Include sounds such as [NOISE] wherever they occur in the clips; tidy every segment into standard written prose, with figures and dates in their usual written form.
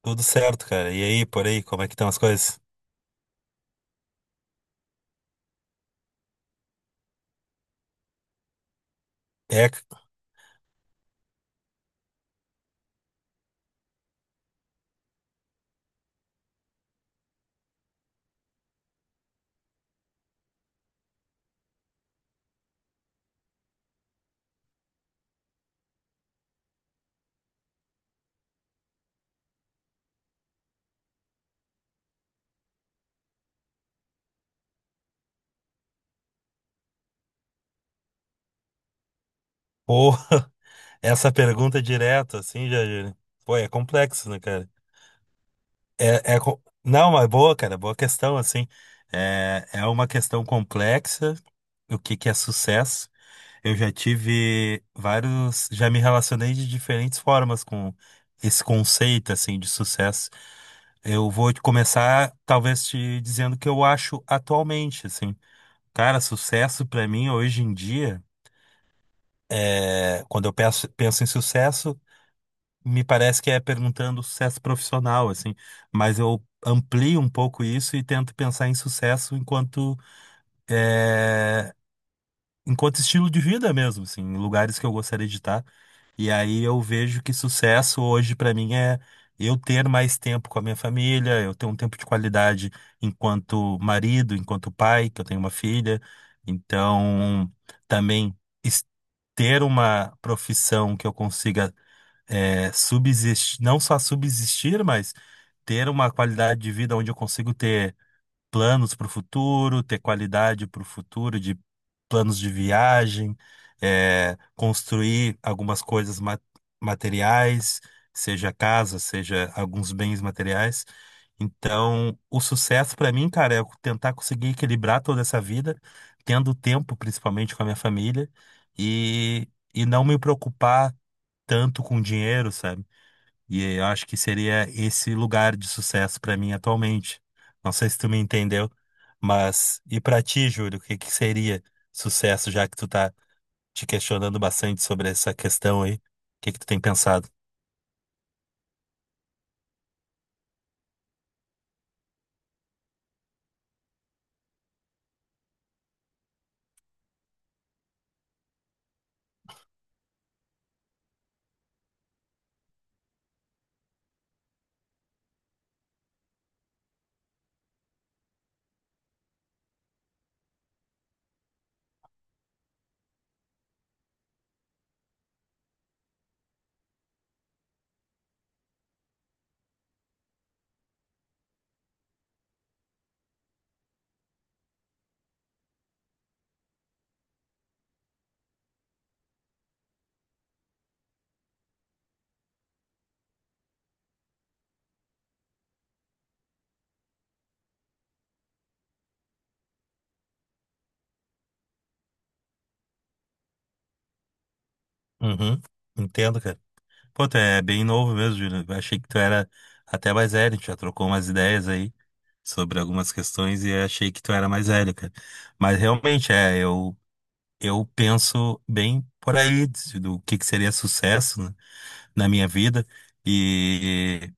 Tudo certo, cara. E aí, por aí, como é que estão as coisas? É, porra, [LAUGHS] essa pergunta direto, assim, né? Pô, é complexo, né, cara? Não, mas boa, cara, boa questão, assim. É uma questão complexa, o que que é sucesso. Eu já tive vários, já me relacionei de diferentes formas com esse conceito, assim, de sucesso. Eu vou te começar, talvez, te dizendo o que eu acho atualmente, assim. Cara, sucesso pra mim hoje em dia, quando eu penso, penso em sucesso, me parece que é perguntando sucesso profissional, assim, mas eu amplio um pouco isso e tento pensar em sucesso enquanto é, enquanto estilo de vida mesmo, assim, em lugares que eu gostaria de estar. E aí eu vejo que sucesso hoje pra mim é eu ter mais tempo com a minha família, eu ter um tempo de qualidade enquanto marido, enquanto pai, que eu tenho uma filha. Então, também es- ter uma profissão que eu consiga subsistir, não só subsistir, mas ter uma qualidade de vida onde eu consigo ter planos para o futuro, ter qualidade para o futuro, de planos de viagem, construir algumas coisas materiais, seja casa, seja alguns bens materiais. Então, o sucesso para mim, cara, é tentar conseguir equilibrar toda essa vida, tendo tempo, principalmente com a minha família, e, e não me preocupar tanto com dinheiro, sabe? E eu acho que seria esse lugar de sucesso para mim atualmente. Não sei se tu me entendeu, mas e para ti, Júlio, o que que seria sucesso, já que tu tá te questionando bastante sobre essa questão aí? O que que tu tem pensado? Uhum, entendo, cara. Pô, tu é bem novo mesmo, Júlio. Eu achei que tu era até mais velho, a gente já trocou umas ideias aí sobre algumas questões e eu achei que tu era mais velho, cara. Mas realmente é, eu penso bem por aí do que seria sucesso, né? Na minha vida. E,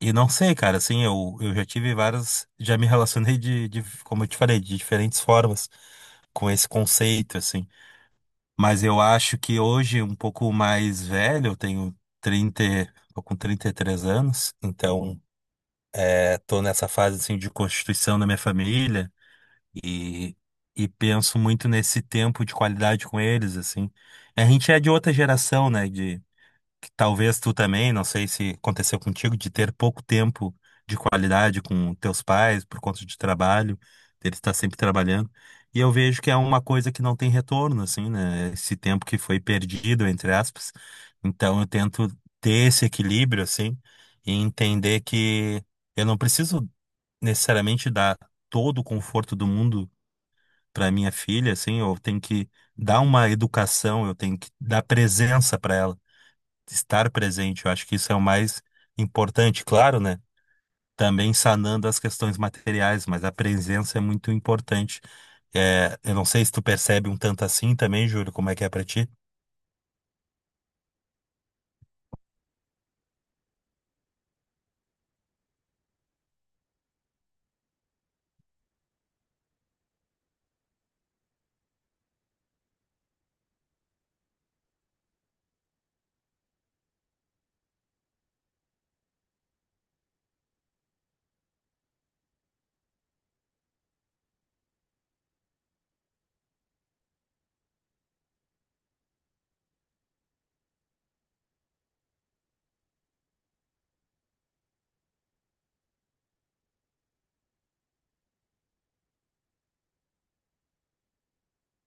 e não sei, cara, assim, eu já tive várias. Já me relacionei como eu te falei, de diferentes formas com esse conceito, assim. Mas eu acho que hoje, um pouco mais velho, eu tenho 30 tô com 33 anos, então tô nessa fase, assim, de constituição da minha família e. E penso muito nesse tempo de qualidade com eles, assim. A gente é de outra geração, né? Que talvez tu também, não sei se aconteceu contigo, de ter pouco tempo de qualidade com teus pais por conta de trabalho, deles estar sempre trabalhando. E eu vejo que é uma coisa que não tem retorno, assim, né? Esse tempo que foi perdido, entre aspas. Então eu tento ter esse equilíbrio, assim, e entender que eu não preciso necessariamente dar todo o conforto do mundo para minha filha, assim, eu tenho que dar uma educação, eu tenho que dar presença para ela estar presente. Eu acho que isso é o mais importante, claro, né? Também sanando as questões materiais, mas a presença é muito importante. É, eu não sei se tu percebe um tanto assim também, Júlio, como é que é pra ti?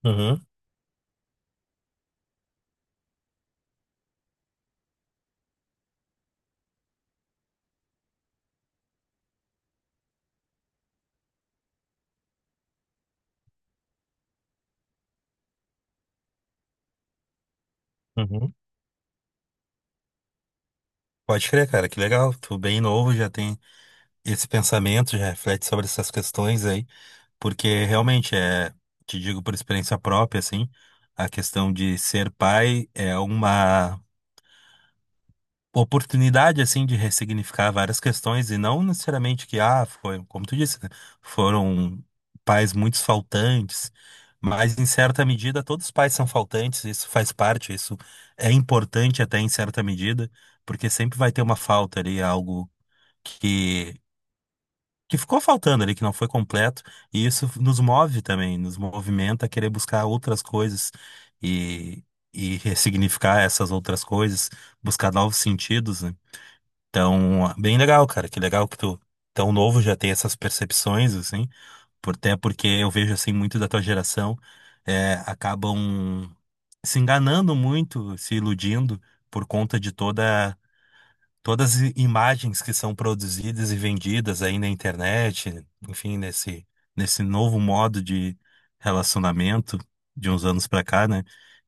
Uhum, uhum. Pode crer, cara, que legal. Tu bem novo, já tem esse pensamento, já reflete sobre essas questões aí, porque realmente é, te digo por experiência própria, assim, a questão de ser pai é uma oportunidade assim de ressignificar várias questões e não necessariamente que ah foi como tu disse né, foram pais muito faltantes, mas em certa medida todos os pais são faltantes, isso faz parte, isso é importante até em certa medida, porque sempre vai ter uma falta ali, algo que que ficou faltando ali, que não foi completo, e isso nos move também, nos movimenta a querer buscar outras coisas e e ressignificar essas outras coisas, buscar novos sentidos, né? Então, bem legal, cara. Que legal que tu, tão novo, já tem essas percepções, assim. Por, até porque eu vejo, assim, muito da tua geração acabam se enganando muito, se iludindo por conta de todas as imagens que são produzidas e vendidas aí na internet, enfim, nesse novo modo de relacionamento de uns anos pra cá, né?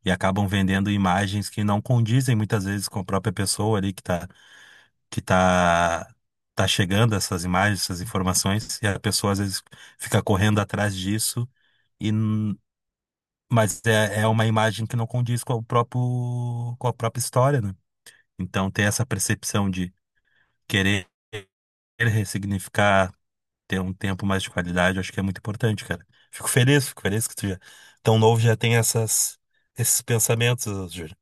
E acabam vendendo imagens que não condizem muitas vezes com a própria pessoa ali que tá, tá chegando essas imagens, essas informações, e a pessoa às vezes fica correndo atrás disso, e, n- mas é, é uma imagem que não condiz com o próprio, com a própria história, né? Então ter essa percepção de querer ressignificar, ter um tempo mais de qualidade, eu acho que é muito importante, cara. Fico feliz que tu já, tão novo já tem essas, esses pensamentos, Júlio.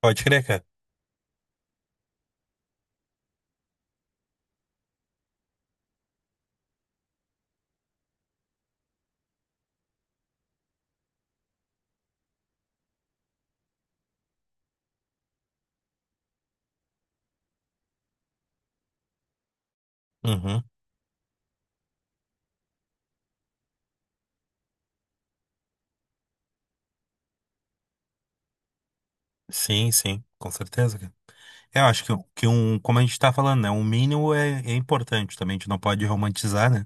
Pode crer, cara. Uhum. Sim, sim, com certeza, cara. É, eu acho que um, como a gente está falando, né, um mínimo é, é importante também, a gente não pode romantizar, né?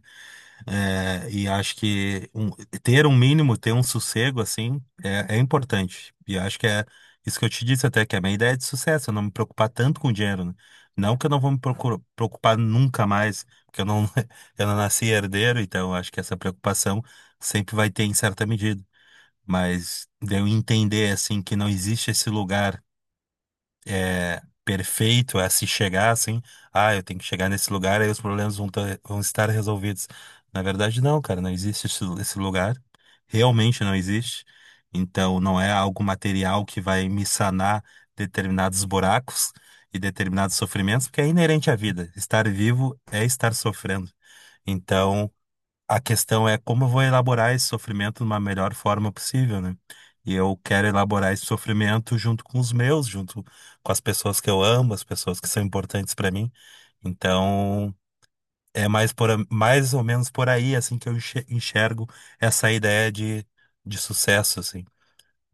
E acho que ter um mínimo, ter um sossego, assim, é, é importante. E acho que é isso que eu te disse até, que é a minha ideia é de sucesso, eu não me preocupar tanto com dinheiro, né? Não que eu não vou me preocupar nunca mais, porque eu não, [LAUGHS] eu não nasci herdeiro, então eu acho que essa preocupação sempre vai ter em certa medida. Mas de eu entender, assim, que não existe esse lugar é, perfeito a se chegar assim, ah, eu tenho que chegar nesse lugar, aí os problemas vão estar resolvidos. Na verdade, não, cara, não existe esse lugar, realmente não existe. Então, não é algo material que vai me sanar determinados buracos e determinados sofrimentos, porque é inerente à vida. Estar vivo é estar sofrendo. Então, a questão é como eu vou elaborar esse sofrimento de uma melhor forma possível, né? E eu quero elaborar esse sofrimento junto com os meus, junto com as pessoas que eu amo, as pessoas que são importantes para mim. Então, é mais por, mais ou menos por aí assim que eu enxergo essa ideia de sucesso, assim.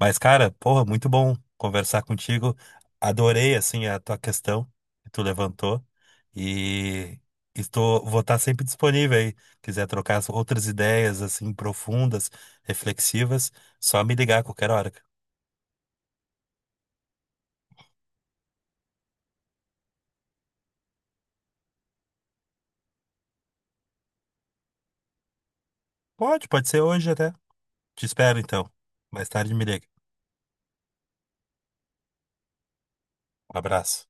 Mas, cara, porra, muito bom conversar contigo. Adorei, assim, a tua questão que tu levantou. E estou, vou estar sempre disponível aí. Quiser trocar as outras ideias, assim, profundas, reflexivas, só me ligar a qualquer hora. Pode, pode ser hoje até. Te espero, então. Mais tarde me liga. Um abraço.